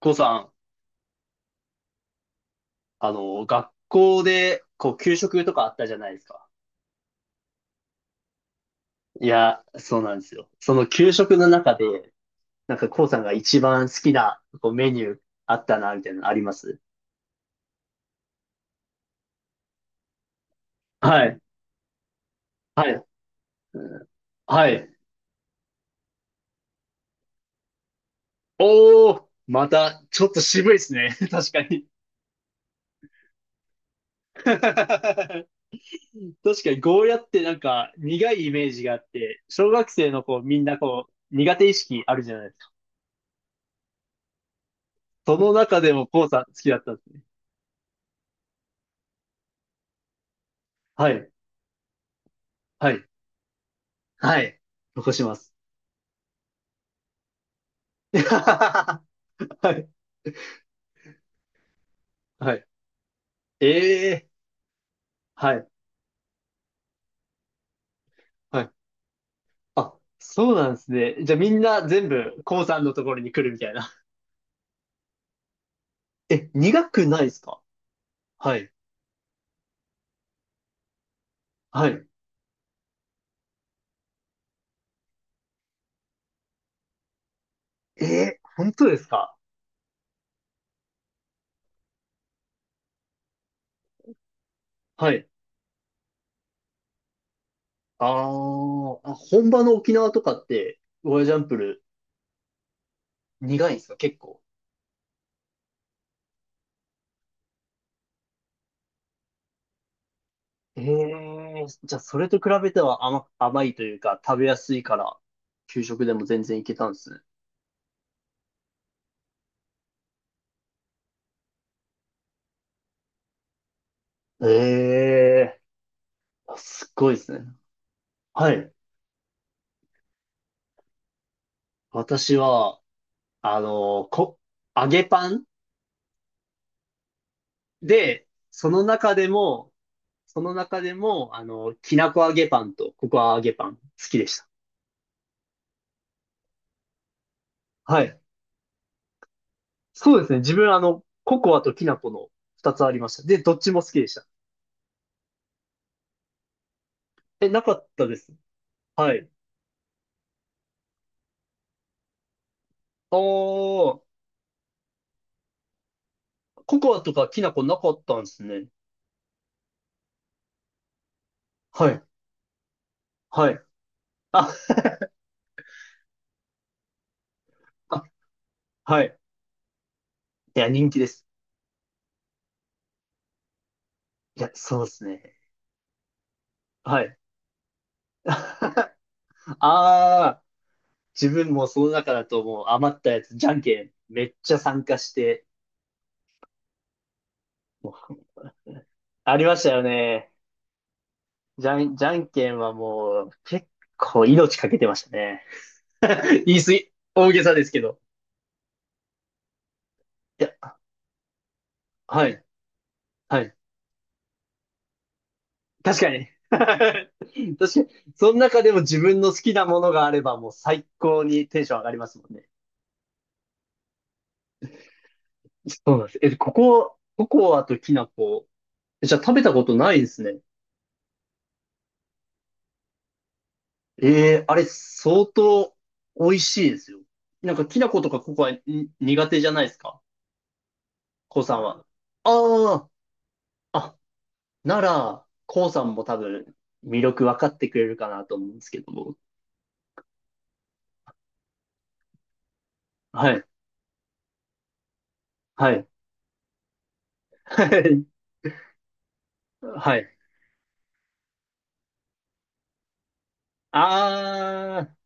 こうさん、学校で、給食とかあったじゃないですか。いや、そうなんですよ。その給食の中で、なんかこうさんが一番好きな、メニューあったな、みたいなのあります？はい、はい、うん、はい。おー、また、ちょっと渋いですね。確かに。確かに、ゴーヤってなんか、苦いイメージがあって、小学生の子、みんな苦手意識あるじゃないですか。その中でもこうさん好きだったんですね。はい、はい、はい。残します。はい。はい。ええ、はい。はい。あ、そうなんですね。じゃあみんな全部、コウさんのところに来るみたいな。え、苦くないですか？はい。はい。ええ、本当ですか？はい。あーあ、本場の沖縄とかって、ゴーヤジャンプル苦いんですか結構？ええ、じゃあそれと比べては甘いというか、食べやすいから、給食でも全然いけたんですね。ええ、あ、すっごいですね。はい。私は、あの、こ、揚げパンで、その中でも、きなこ揚げパンとココア揚げパン好きでした。はい。そうですね。自分、ココアときなこの二つありました。で、どっちも好きでした。え、なかったです。はい。あー、ココアとかきなこなかったんですね。はい。はい。あ、あ、はい。いや、人気です。いや、そうですね。はい。ああ、自分もその中だともう余ったやつ、じゃんけんめっちゃ参加して、もうありましたよね。じゃんけんはもう結構命かけてましたね。言い過ぎ、大げさですけど。いや、はい、はい。確かに。確かに。その中でも自分の好きなものがあればもう最高にテンション上がりますもんね。そうなんです。え、ココアときな粉。じゃあ食べたことないですね。ええ、あれ、相当美味しいですよ。なんか、きな粉とかココアに苦手じゃないですか、コウさんは？ああ、あ、なら、コウさんも多分、魅力分かってくれるかなと思うんですけども。はい、はい、はい、はい。ああ、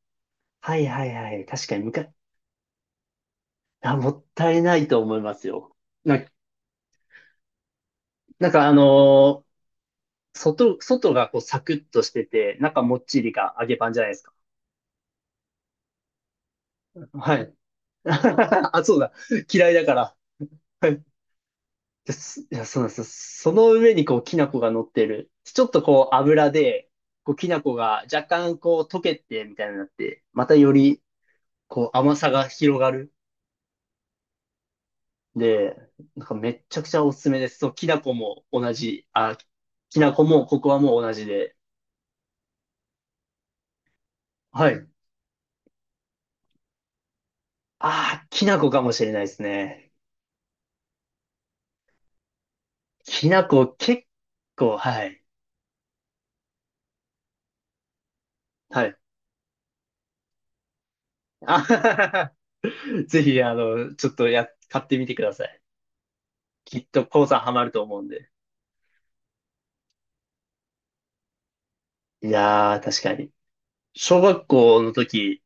はいはいはい。確かに、あ、もったいないと思いますよ。な、なんか外がこうサクッとしてて、中もっちりが揚げパンじゃないですか。はい。あ、そうだ。嫌いだから。はい。ですいや、そうなんですよ。その上にこう、きな粉が乗ってる。ちょっとこう、油で、こう、きな粉が若干こう、溶けて、みたいになって、またより、こう、甘さが広がる。で、なんかめっちゃくちゃおすすめです。そう、きな粉も同じ。あ、きな粉も、ここはもう同じで。はい。ああ、きな粉かもしれないですね。きな粉結構、はい。はい。あははは、はぜひ、ちょっと、買ってみてください。きっとコウさんハマると思うんで。いやー、確かに。小学校の時、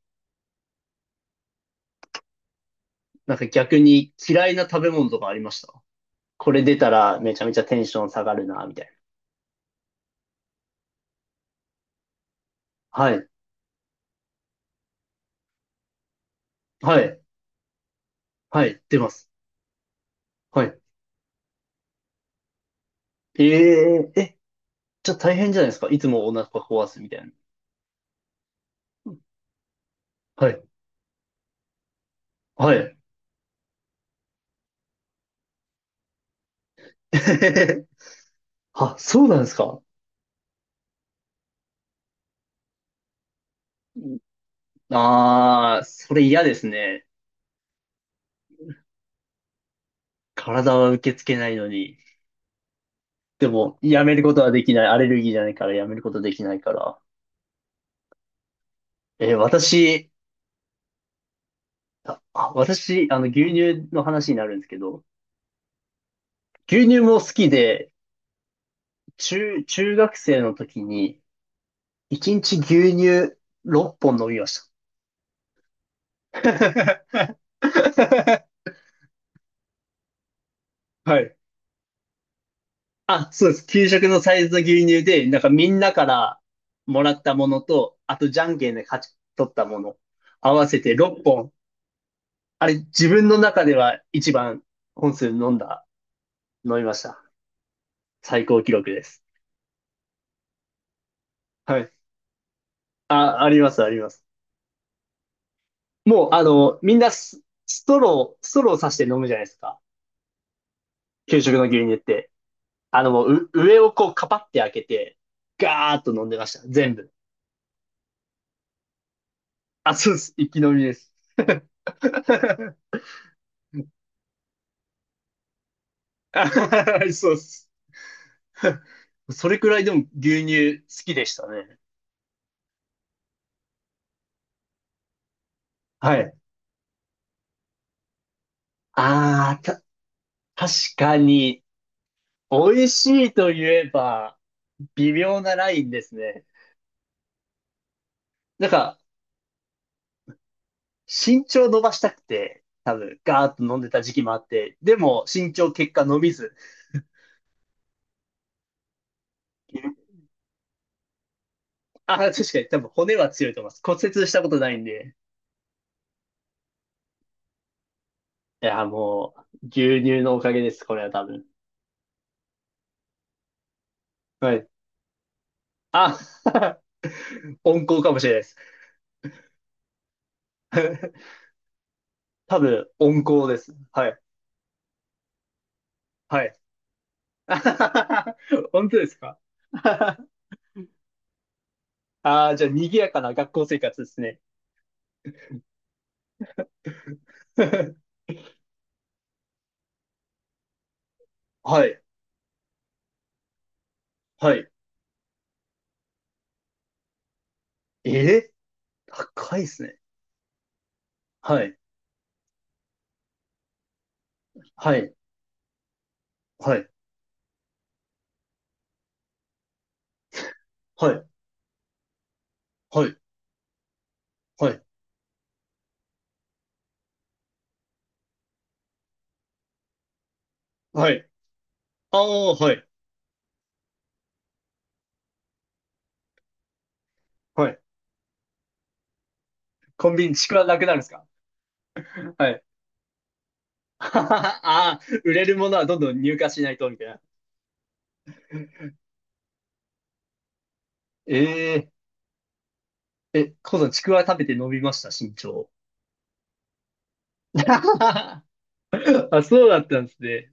なんか逆に嫌いな食べ物とかありました？これ出たらめちゃめちゃテンション下がるな、みたいな。はい、はい、はい、出ます。はい。ええ、じゃあ大変じゃないですか、いつもお腹壊すみたいな。はい、はい。あ、そうなんですか？ああー、それ嫌ですね。体は受け付けないのに。でも、やめることはできない。アレルギーじゃないからやめることできないから。えー私、私、牛乳の話になるんですけど、牛乳も好きで、中学生の時に、一日牛乳6本飲みました。はい。あ、そうです。給食のサイズの牛乳で、なんかみんなからもらったものと、あとじゃんけんで勝ち取ったもの、合わせて6本。あれ、自分の中では一番本数飲んだ、飲みました。最高記録です。はい。あ、あります、あります。もう、みんなストローさして飲むじゃないですか、給食の牛乳って。もう、上をこう、カパって開けて、ガーッと飲んでました。全部。あ、そうです。一気飲みです。あ、そうです。それくらいでも牛乳好きでしたね。はい。ああ、確かに、美味しいと言えば、微妙なラインですね。なんか、身長伸ばしたくて、多分、ガーッと飲んでた時期もあって、でも、身長結果伸びず。あ、確かに多分骨は強いと思います。骨折したことないんで。いや、もう、牛乳のおかげです、これは多分。はい。あ、温厚かもしれないです。多分、温厚です。はい。はい。本当ですか？ ああ、じゃあ、賑やかな学校生活ですね。はい。はい。えー、高いですね。はい。はい。はい。はい。はい。はい。はい。ああ、はい。はい。コンビニ、ちくわなくなるんですか？はい。ああ、売れるものはどんどん入荷しないと、みたいな。ええ、え、このちくわ食べて伸びました、身長。あ、そうだったんですね。